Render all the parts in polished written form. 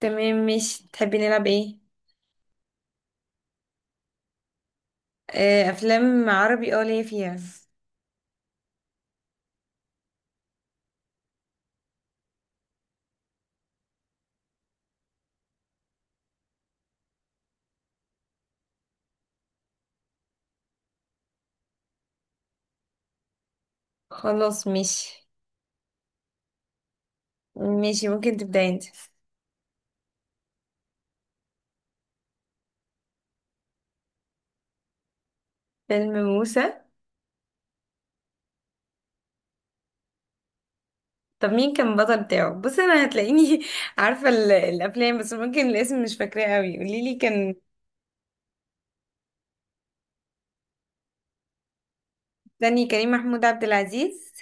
تمام، مش تحبي نلعب ايه؟ افلام عربي اه ليا فيها. خلاص مش ماشي، ممكن تبدأ انت. فيلم موسى؟ طب مين كان البطل بتاعه؟ بص انا هتلاقيني عارفة الافلام، بس ممكن الاسم مش فاكراه قوي، قوليلي كان. تاني كريم محمود عبد العزيز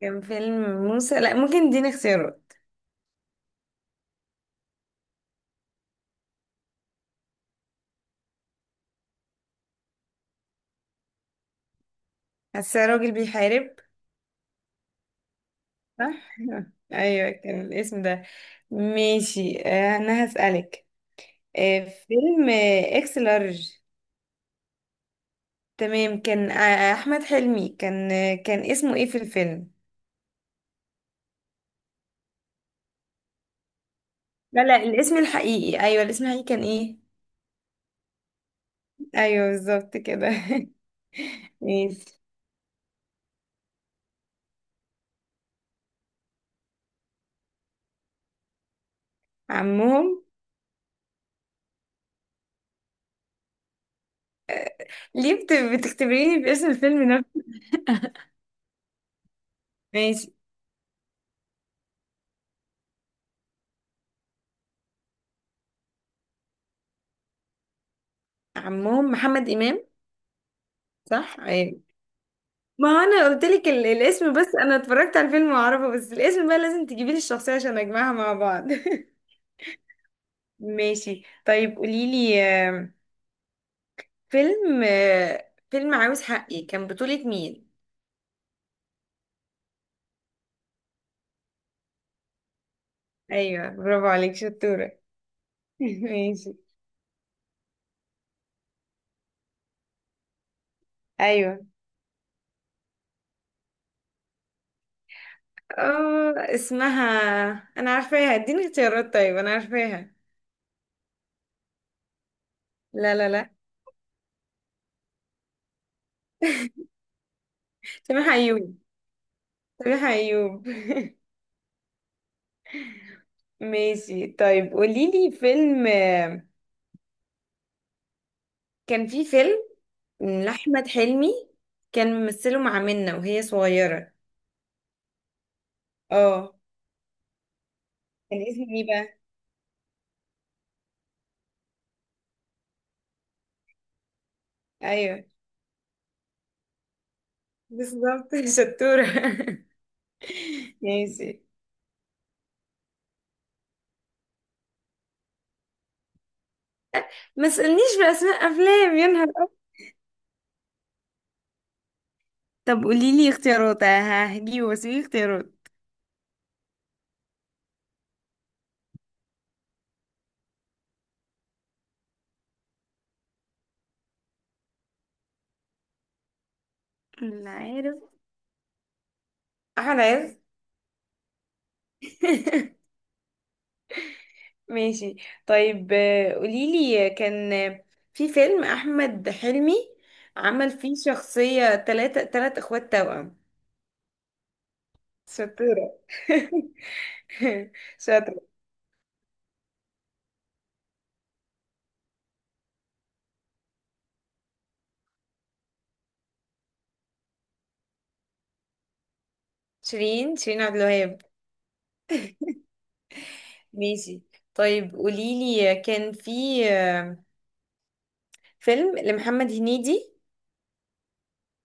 كان فيلم موسى؟ لا، ممكن اديني اختيارات. حاسه راجل بيحارب. صح ايوه كان الاسم ده. ماشي، انا هسألك. آه، فيلم آه، اكس لارج. تمام، كان احمد حلمي. كان كان اسمه ايه في الفيلم؟ لا لا، الاسم الحقيقي. ايوه، الاسم الحقيقي كان ايه؟ ايوه بالظبط كده ماشي. عمهم؟ ليه بت- بتختبريني باسم الفيلم نفسه؟ ماشي. عمهم محمد امام. صح ايوه. ما هو انا قلت لك الاسم، بس انا اتفرجت على الفيلم واعرفه، بس الاسم بقى لازم تجيبي لي الشخصيه عشان اجمعها مع بعض ماشي طيب، قولي لي. فيلم آه، فيلم عاوز حقي كان بطولة مين؟ ايوه برافو عليك، شطورة ماشي. ايوه. اه اسمها، انا عارفاها. اديني اختيارات، طيب انا عارفاها. لا لا لا. سامح ايوب، سامح ايوب. ماشي طيب، قوليلي فيلم. كان في فيلم لأحمد حلمي، كان ممثله مع منة وهي صغيرة. اه. كان اسمه ايه بقى؟ ايوه بالظبط شطورة ماشي. ما تسألنيش بأسماء أفلام يا نهار! طب قولي لي اختيارات، ههجيبه بس في اختيارات. لا، عارف. احمد عز. ماشي. طيب قوليلي، كان في فيلم احمد حلمي عمل فيه شخصية تلات اخوات توأم. شطورة شاطرة. شيرين عبد الوهاب. ماشي. طيب قوليلي، آه، كان في آه، فيلم لمحمد هنيدي.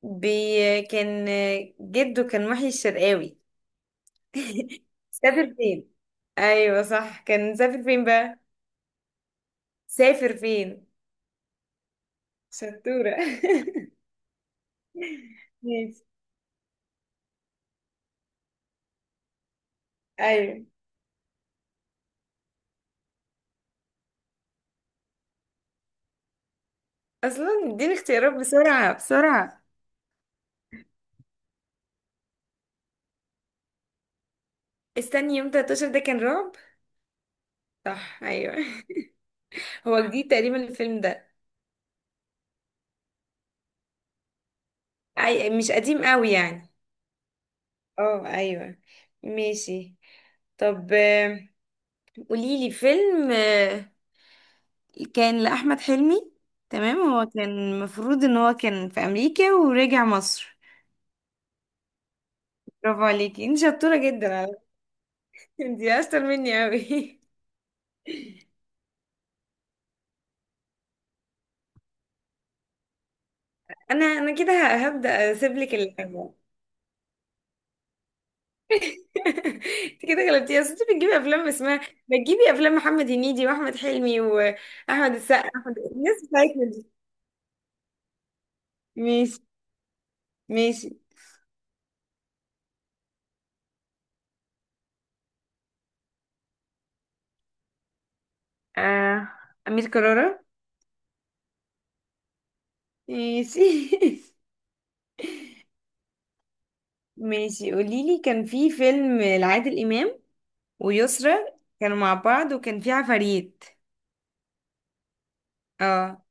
بي- كان آه، جده كان محي الشرقاوي. سافر فين؟ ايوه صح، كان سافر فين بقى؟ سافر فين. شطورة ماشي. ايوه. اصلا اديني اختيارات بسرعة بسرعة. استني، يوم 13 ده كان رعب. صح ايوه هو جديد تقريبا الفيلم ده. مش قديم قوي يعني. اه ايوه. ماشي. طب قوليلي فيلم كان لأحمد حلمي. تمام، هو كان المفروض ان هو كان في امريكا ورجع مصر. برافو عليكي انت، شطورة جدا على فكرة انت اشطر مني قوي انا كده هبدأ اسيب لك اللعبة. انت كده غلبتي، اصل انت بتجيبي افلام اسمها، بتجيبي افلام محمد هنيدي واحمد حلمي واحمد السقا، احمد الناس بتاعتنا دي. ماشي ماشي. آه. امير كرارة. ماشي ماشي، قولي لي. كان في فيلم لعادل امام ويسرا، كانوا مع بعض وكان في عفاريت. اه.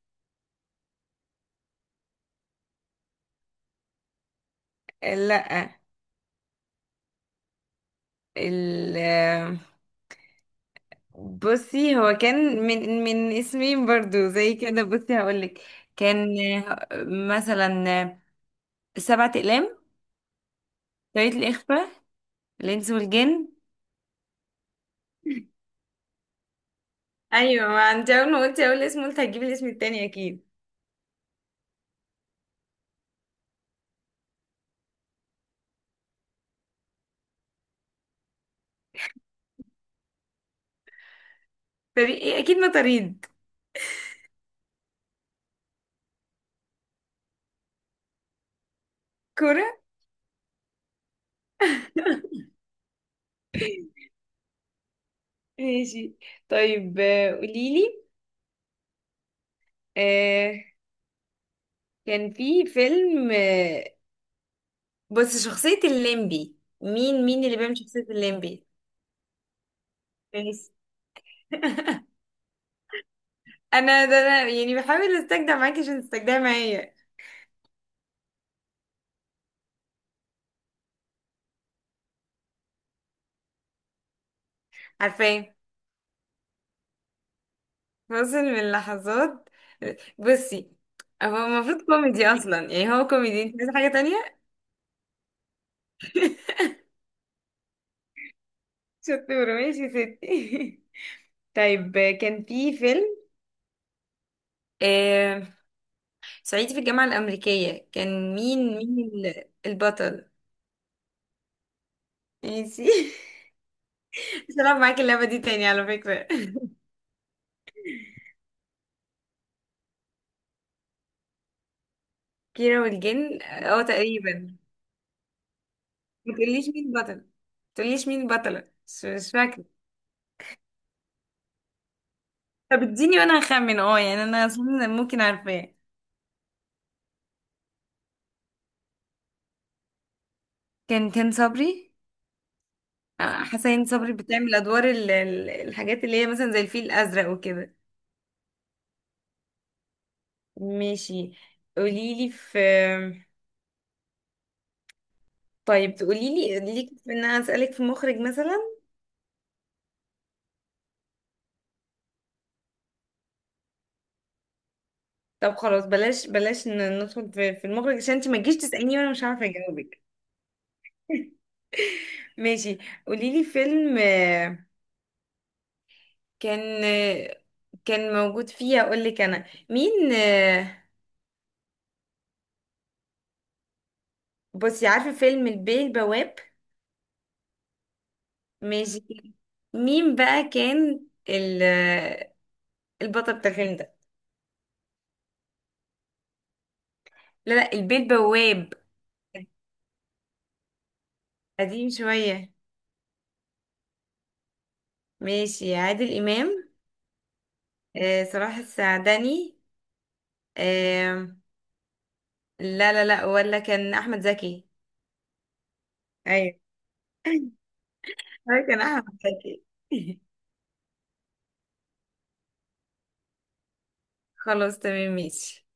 لا. ال، بصي هو كان من اسمين برضو زي كده، بصي هقولك. كان مثلا سبعة أقلام، طريقة الإخفاء، الإنس والجن. أيوة، ما أنت أول ما قلتي أول اسم قلت هتجيبي الاسم التاني أكيد. فريق إيه؟ أكيد ما طريد. كورة. ماشي. طيب آه، قوليلي آه كان في فيلم، بص شخصية الليمبي، مين اللي بيعمل شخصية الليمبي؟ ماشي انا ده انا يعني بحاول استجدع معاكي عشان تستجدعي معايا. عارفاه. فاصل من اللحظات. بصي، هو المفروض كوميدي اصلا، يعني هو كوميدي، انت عايزه حاجه تانية؟ شطوره، ماشي يا ستي طيب كان في فيلم، آه صعيدي في الجامعه الامريكيه، كان مين البطل؟ ماشي مش هلعب معاكي اللعبه دي تاني على فكره. كيرة والجن، اه تقريبا. ما تقوليش مين البطل، ما تقوليش مين البطله، مش فاكره. طب اديني وانا هخمن، اه يعني انا اصلا ممكن عارفاه. كان صبري. حسين صبري بتعمل ادوار الحاجات اللي هي مثلا زي الفيل الازرق وكده. ماشي، قوليلي في. طيب تقوليلي ليك في ان انا اسالك في مخرج مثلا. طب خلاص، بلاش بلاش ندخل في في المخرج، عشان انت ما تجيش تساليني وانا مش عارفه اجاوبك. ماشي، قوليلي فيلم، كان آه، كان موجود فيه، اقول لك انا مين، بصي عارفه فيلم البيه البواب؟ ماشي. مين بقى كان ال البطل بتاع الفيلم ده؟ لا لا، البيه بواب. قديم شوية. ماشي. عادل إمام، صلاح السعدني، آه. لا لا لا، ولا كان أحمد زكي. أيوة. هو كان أحمد زكي. خلاص تمام، ماشي.